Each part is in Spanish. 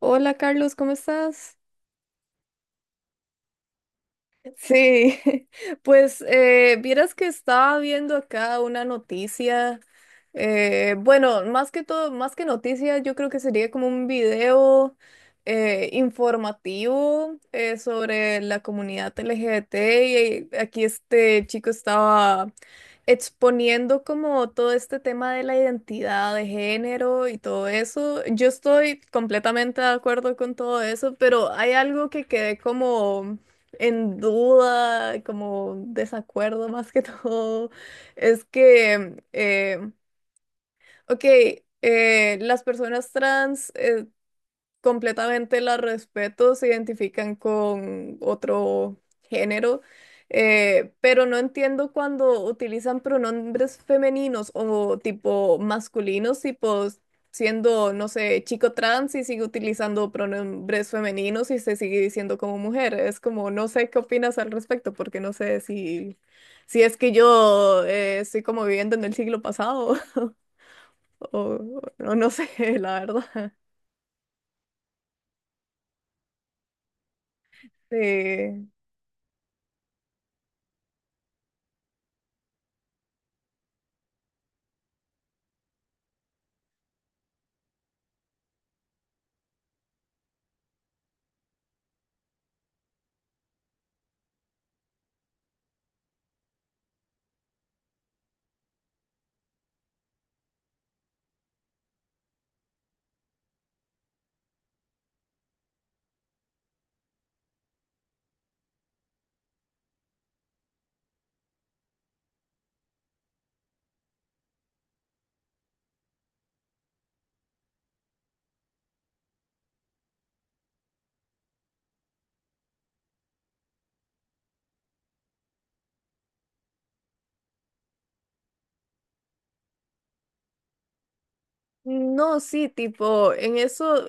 Hola Carlos, ¿cómo estás? Sí, pues vieras que estaba viendo acá una noticia, bueno, más que todo, más que noticia, yo creo que sería como un video informativo sobre la comunidad LGBT y aquí este chico estaba exponiendo como todo este tema de la identidad de género y todo eso. Yo estoy completamente de acuerdo con todo eso, pero hay algo que quedé como en duda, como desacuerdo más que todo, es que, eh, ok, las personas trans completamente la respeto, se identifican con otro género, pero no entiendo cuando utilizan pronombres femeninos o tipo masculinos, tipo siendo, no sé, chico trans y sigue utilizando pronombres femeninos y se sigue diciendo como mujer. Es como, no sé qué opinas al respecto, porque no sé si, si es que yo estoy como viviendo en el siglo pasado o, o no sé, la verdad. Sí. No, sí, tipo, en eso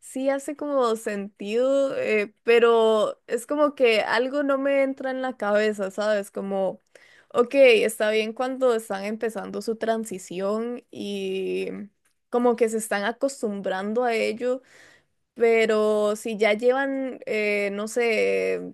sí hace como sentido, pero es como que algo no me entra en la cabeza, ¿sabes? Como, ok, está bien cuando están empezando su transición y como que se están acostumbrando a ello, pero si ya llevan, no sé,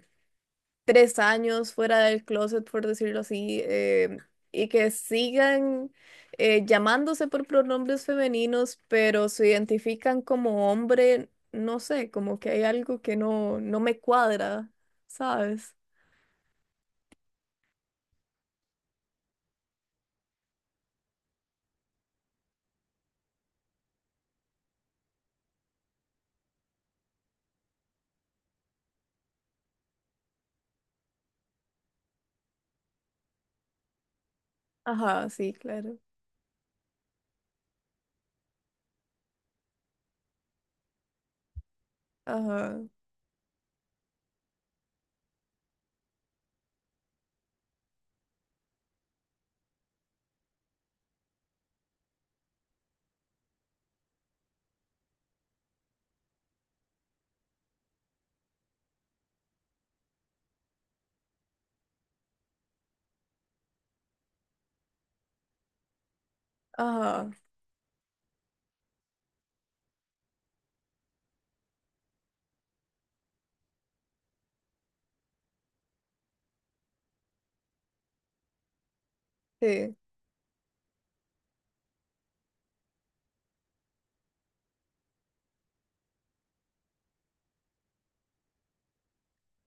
tres años fuera del closet, por decirlo así, y que sigan llamándose por pronombres femeninos, pero se identifican como hombre, no sé, como que hay algo que no me cuadra, ¿sabes? Ajá, sí, claro. Ajá, ajá, sí.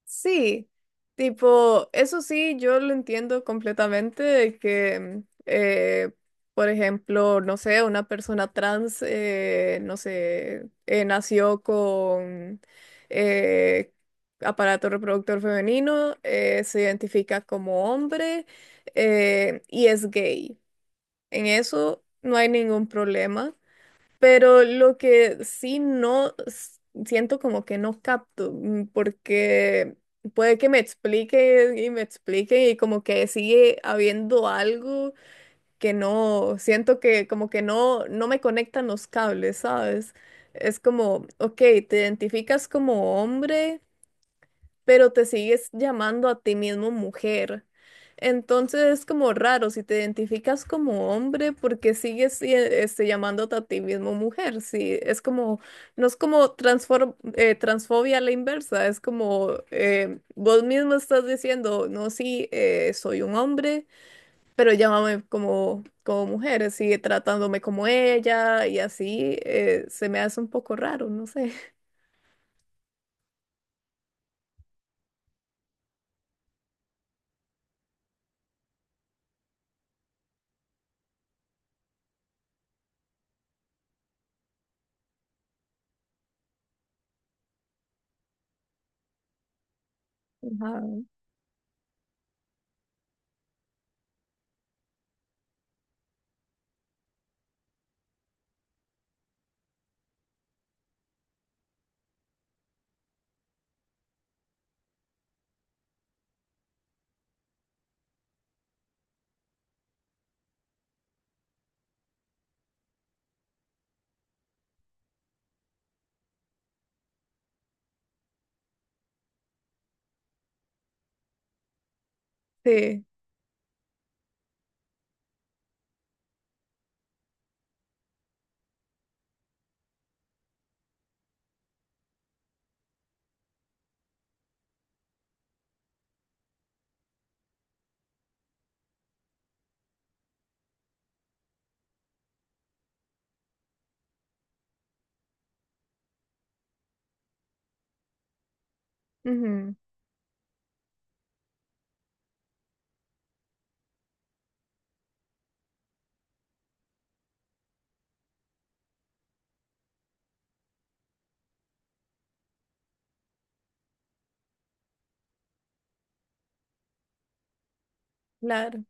Sí, tipo, eso sí, yo lo entiendo completamente, de que, por ejemplo, no sé, una persona trans, no sé, nació con eh, aparato reproductor femenino, se identifica como hombre y es gay. En eso no hay ningún problema. Pero lo que sí no s- siento como que no capto, porque puede que me explique y como que sigue habiendo algo que no, siento que como que no, no me conectan los cables, ¿sabes? Es como, ok, te identificas como hombre pero te sigues llamando a ti mismo mujer. Entonces es como raro si te identificas como hombre porque sigues llamándote a ti mismo mujer. Sí, es como, no es como transfobia a la inversa, es como vos mismo estás diciendo, no, sí, soy un hombre, pero llámame como, como mujer, sigue tratándome como ella y así se me hace un poco raro, no sé. Ajá. Sí, ujú, claro.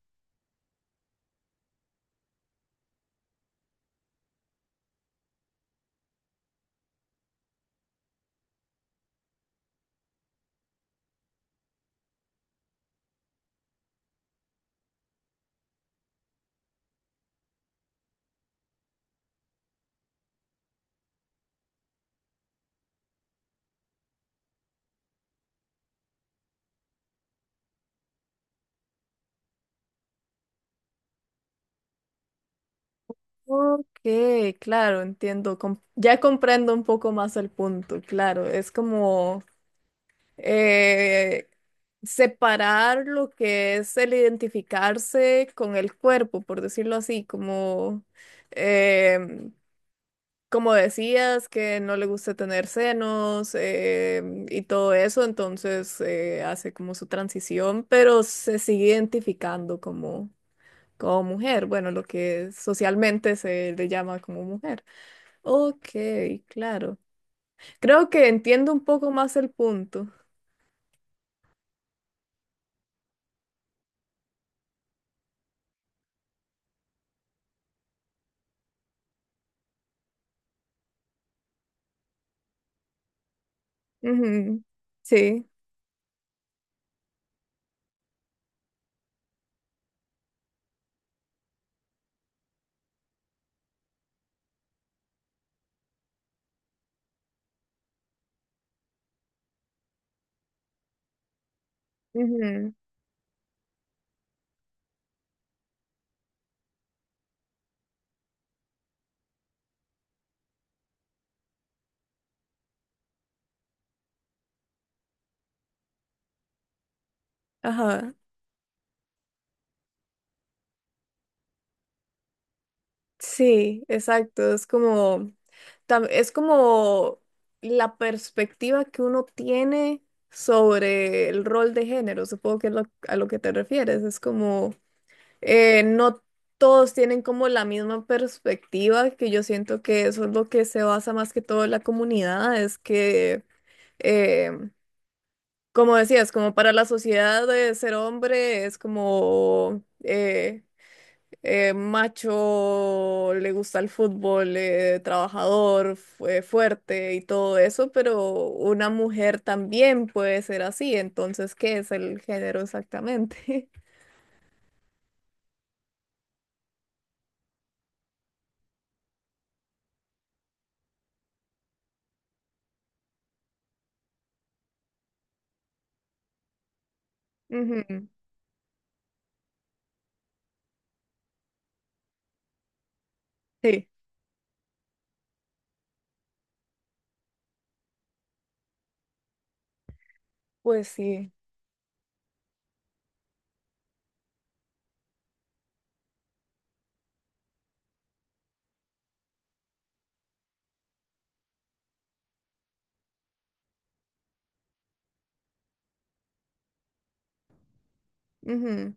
Ok, claro, entiendo. Ya comprendo un poco más el punto, claro. Es como eh, separar lo que es el identificarse con el cuerpo, por decirlo así, como, em, como decías, que no le gusta tener senos y todo eso, entonces hace como su transición, pero se sigue identificando como, como mujer, bueno, lo que socialmente se le llama como mujer. Ok, claro. Creo que entiendo un poco más el punto. Ujú, sí. Ujú, ajá. Sí, exacto. Es como, es como la perspectiva que uno tiene sobre el rol de género. Supongo que es a lo que te refieres. Es como, no todos tienen como la misma perspectiva, que yo siento que eso es lo que se basa más que todo en la comunidad. Es que... eh, como decías, como para la sociedad de ser hombre es como macho, le gusta el fútbol, trabajador, fuerte y todo eso, pero una mujer también puede ser así, entonces, ¿qué es el género exactamente? Ujú, sí, pues sí. Ujú,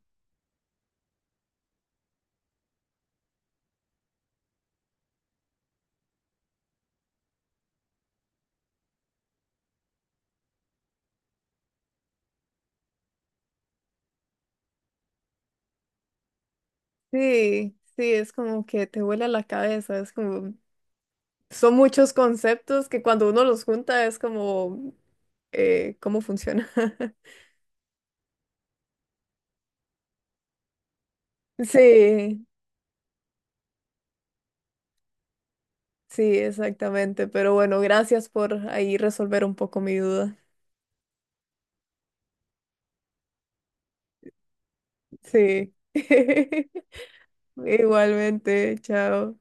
sí, sí, es como que te vuela la cabeza, es como... son muchos conceptos que cuando uno los junta es como, ¿cómo funciona? Sí, sí, exactamente. Pero bueno, gracias por ahí resolver un poco mi duda. Sí. Igualmente, chao.